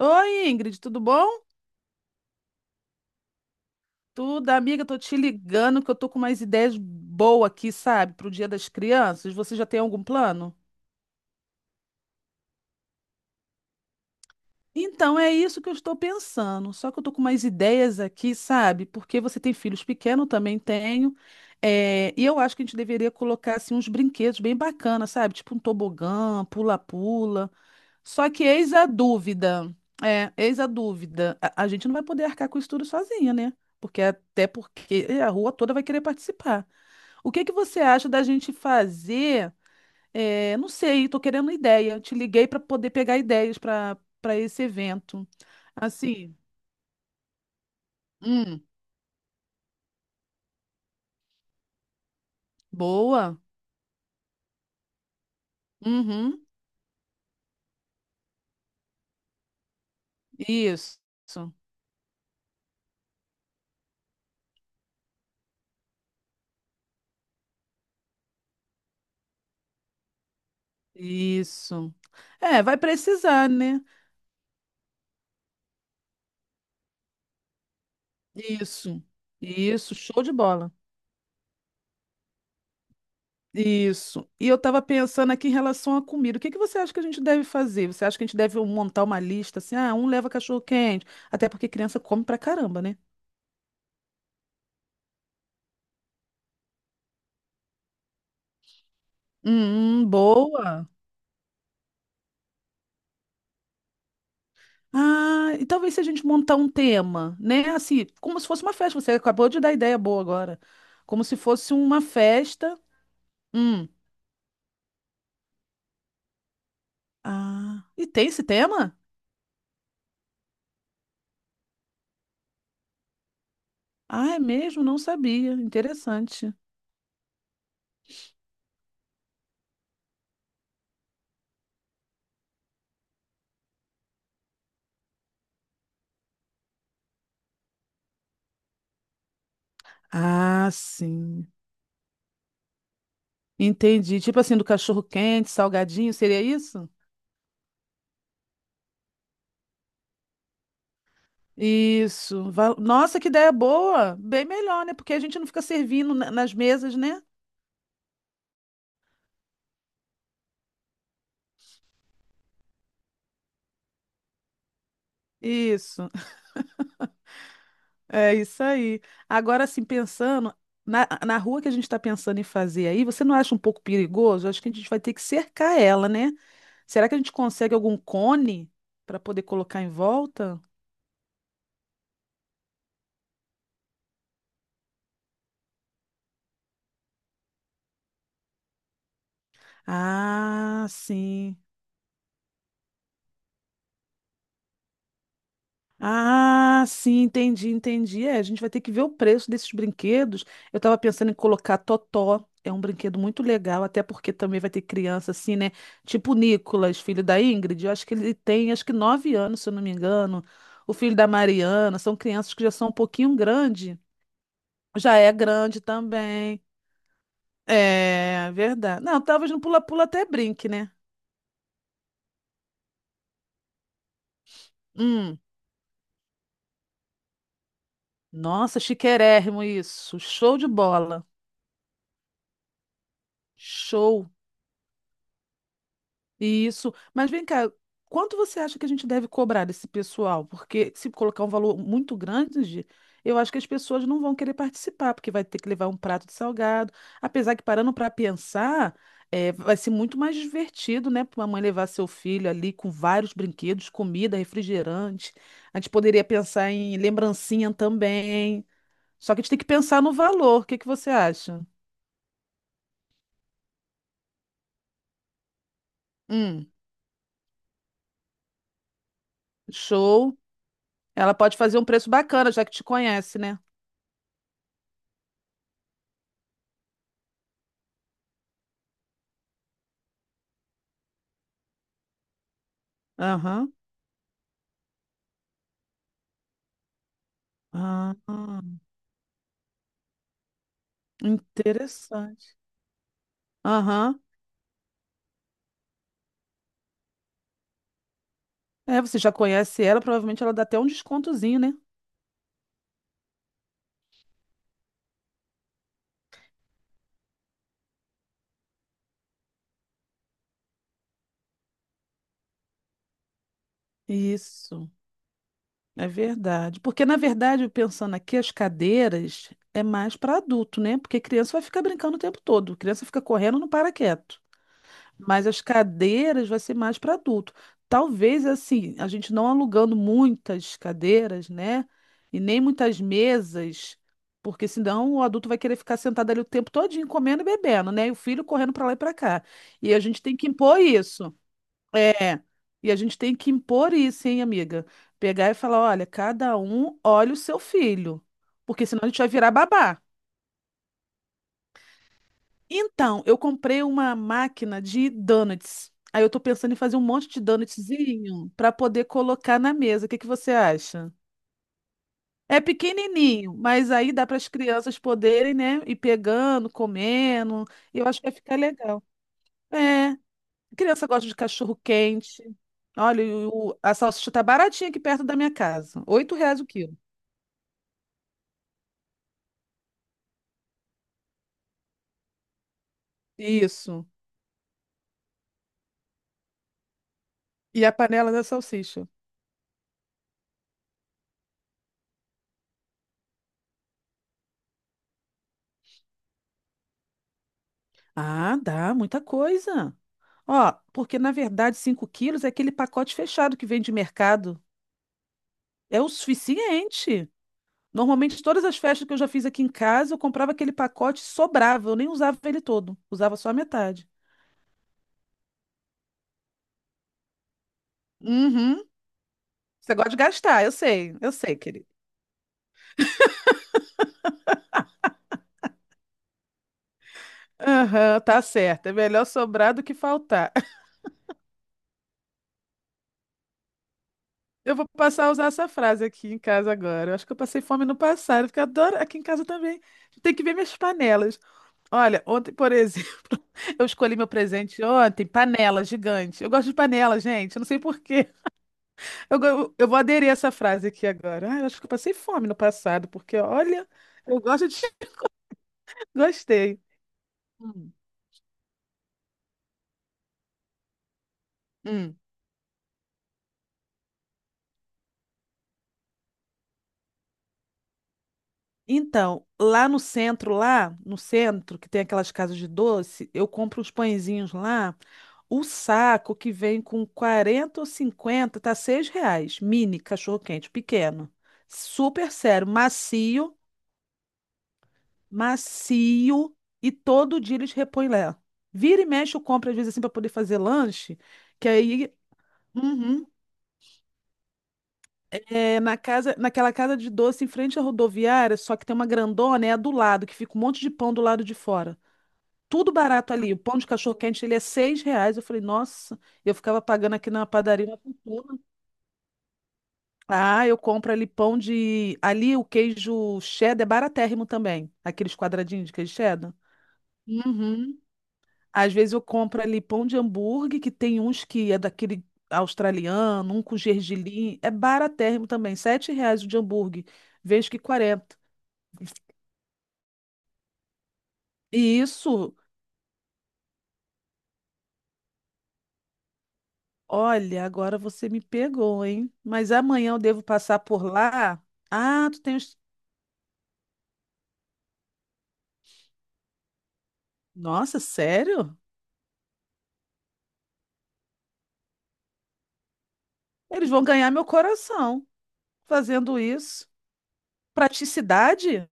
Oi, Ingrid, tudo bom? Tudo, amiga, tô te ligando que eu tô com umas ideias boas aqui, sabe, pro Dia das Crianças. Você já tem algum plano? Então, é isso que eu estou pensando. Só que eu tô com umas ideias aqui, sabe? Porque você tem filhos pequenos, eu também tenho. É, e eu acho que a gente deveria colocar assim, uns brinquedos bem bacanas, sabe? Tipo um tobogã, pula-pula. Só que eis a dúvida. É, eis a dúvida. A gente não vai poder arcar com isso tudo sozinha, né? Porque até porque a rua toda vai querer participar. O que que você acha da gente fazer? É, não sei, estou querendo ideia. Eu te liguei para poder pegar ideias para esse evento. Assim, hum, boa. Uhum, isso, isso. É, vai precisar, né? Isso, isso, show de bola. Isso. E eu estava pensando aqui em relação à comida. O que que você acha que a gente deve fazer? Você acha que a gente deve montar uma lista assim? Ah, um leva cachorro-quente. Até porque criança come pra caramba, né? Boa. Ah, e talvez se a gente montar um tema, né? Assim, como se fosse uma festa. Você acabou de dar ideia boa agora. Como se fosse uma festa. Hum. Ah, e tem esse tema? Ah, é mesmo? Não sabia. Interessante. Ah, sim. Entendi. Tipo assim, do cachorro-quente, salgadinho, seria isso? Isso. Nossa, que ideia boa! Bem melhor, né? Porque a gente não fica servindo nas mesas, né? Isso. É isso aí. Agora, assim, pensando na rua que a gente está pensando em fazer aí, você não acha um pouco perigoso? Acho que a gente vai ter que cercar ela, né? Será que a gente consegue algum cone para poder colocar em volta? Ah, sim. Ah, sim, entendi, entendi. É, a gente vai ter que ver o preço desses brinquedos. Eu estava pensando em colocar Totó. É um brinquedo muito legal, até porque também vai ter criança assim, né? Tipo o Nicolas, filho da Ingrid. Eu acho que ele tem, acho que 9 anos, se eu não me engano. O filho da Mariana. São crianças que já são um pouquinho grande. Já é grande também. É, verdade. Não, talvez no pula-pula até brinque, né? Hum. Nossa, chiquérrimo isso. Show de bola. Show. Isso. Mas vem cá, quanto você acha que a gente deve cobrar desse pessoal? Porque se colocar um valor muito grande, eu acho que as pessoas não vão querer participar, porque vai ter que levar um prato de salgado. Apesar que parando para pensar, vai ser muito mais divertido, né, para uma mãe levar seu filho ali com vários brinquedos, comida, refrigerante. A gente poderia pensar em lembrancinha também. Só que a gente tem que pensar no valor. O que que você acha? Hum, show. Ela pode fazer um preço bacana, já que te conhece, né? Aham. Ah, interessante. Aham. É, você já conhece ela, provavelmente ela dá até um descontozinho, né? Isso, é verdade. Porque, na verdade, eu pensando aqui, as cadeiras é mais para adulto, né? Porque criança vai ficar brincando o tempo todo. Criança fica correndo, não para quieto. Mas as cadeiras vai ser mais para adulto. Talvez assim, a gente não alugando muitas cadeiras, né? E nem muitas mesas, porque senão o adulto vai querer ficar sentado ali o tempo todinho comendo e bebendo, né? E o filho correndo para lá e para cá. E a gente tem que impor isso. É. E a gente tem que impor isso, hein, amiga? Pegar e falar, olha, cada um olha o seu filho, porque senão a gente vai virar babá. Então, eu comprei uma máquina de donuts. Aí eu tô pensando em fazer um monte de donutzinho para poder colocar na mesa. O que que você acha? É pequenininho, mas aí dá para as crianças poderem, né, ir pegando, comendo. Eu acho que vai ficar legal. É, criança gosta de cachorro quente. Olha, a salsicha tá baratinha aqui perto da minha casa. R$ 8 o quilo. Isso. E a panela da salsicha. Ah, dá muita coisa. Ó, porque na verdade 5 quilos é aquele pacote fechado que vem de mercado. É o suficiente. Normalmente, todas as festas que eu já fiz aqui em casa, eu comprava aquele pacote e sobrava. Eu nem usava ele todo, usava só a metade. Uhum. Você gosta de gastar, eu sei, querido. Aham, tá certo. É melhor sobrar do que faltar. Eu vou passar a usar essa frase aqui em casa agora. Eu acho que eu passei fome no passado, porque eu adoro aqui em casa também. Tem que ver minhas panelas. Olha, ontem, por exemplo, eu escolhi meu presente ontem, panela gigante. Eu gosto de panela, gente. Eu não sei por quê. Eu vou aderir a essa frase aqui agora. Ah, eu acho que eu passei fome no passado, porque olha, eu gosto de. Gostei. Hum. Então, lá no centro, que tem aquelas casas de doce, eu compro os pãezinhos lá. O saco que vem com 40 ou 50 tá R$ 6. Mini cachorro-quente, pequeno. Super sério, macio, macio. E todo dia eles repõem lá. Vira e mexe, eu compro às vezes assim para poder fazer lanche. Que aí, uhum, é, na casa, naquela casa de doce em frente à rodoviária, só que tem uma grandona, é a do lado, que fica um monte de pão do lado de fora. Tudo barato ali. O pão de cachorro-quente, ele é R$ 6. Eu falei, nossa, eu ficava pagando aqui na padaria uma fortuna. Ah, eu compro ali pão de. Ali o queijo cheddar é baratérrimo também. Aqueles quadradinhos de queijo cheddar. Uhum. Às vezes eu compro ali pão de hambúrguer, que tem uns que é daquele australiano, um com gergelim. É baratérrimo também. R$ 7 o de hambúrguer. Vejo que 40. E isso. Olha, agora você me pegou, hein? Mas amanhã eu devo passar por lá? Ah, tu tens. Nossa, sério? Eles vão ganhar meu coração fazendo isso. Praticidade?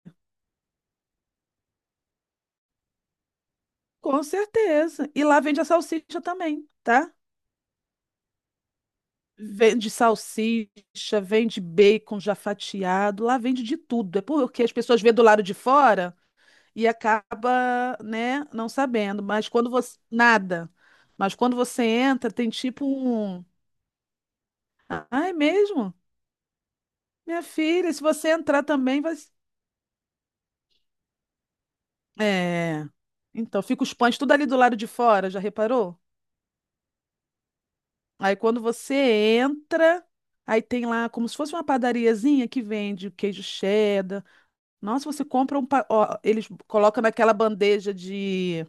Com certeza. E lá vende a salsicha também, tá? Vende salsicha, vende bacon já fatiado, lá vende de tudo. É porque as pessoas vê do lado de fora e acaba, né, não sabendo. Mas quando você. Nada. Mas quando você entra, tem tipo um. Ah, é mesmo? Minha filha, se você entrar também, vai. É. Então, fica os pães tudo ali do lado de fora, já reparou? Aí quando você entra, aí tem lá como se fosse uma padariazinha que vende queijo cheddar. Nossa, você compra um. Ó, eles colocam naquela bandeja de.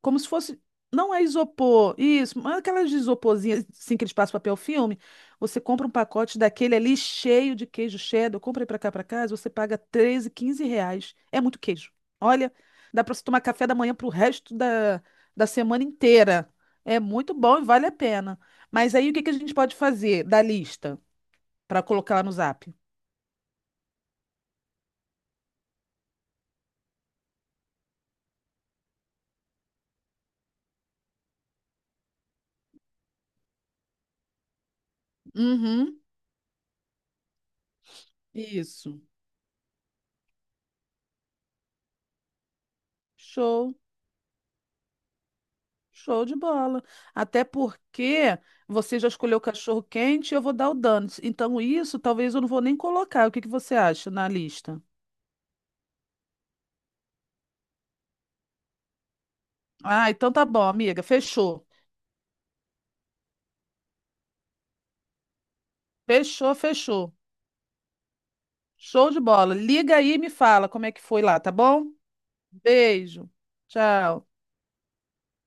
Como se fosse. Não é isopor, isso, mas aquelas de isoporzinha, assim, que eles passam papel filme. Você compra um pacote daquele ali cheio de queijo cheddar. Eu comprei pra cá, pra casa, você paga R$ 13, R$ 15. É muito queijo. Olha, dá pra você tomar café da manhã pro resto da semana inteira. É muito bom e vale a pena. Mas aí o que que a gente pode fazer da lista pra colocar lá no Zap? Uhum, isso. Show. Show de bola. Até porque você já escolheu o cachorro quente e eu vou dar o Donuts. Então, isso talvez eu não vou nem colocar. O que que você acha na lista? Ah, então tá bom, amiga. Fechou. Fechou, fechou. Show de bola. Liga aí e me fala como é que foi lá, tá bom? Beijo. Tchau.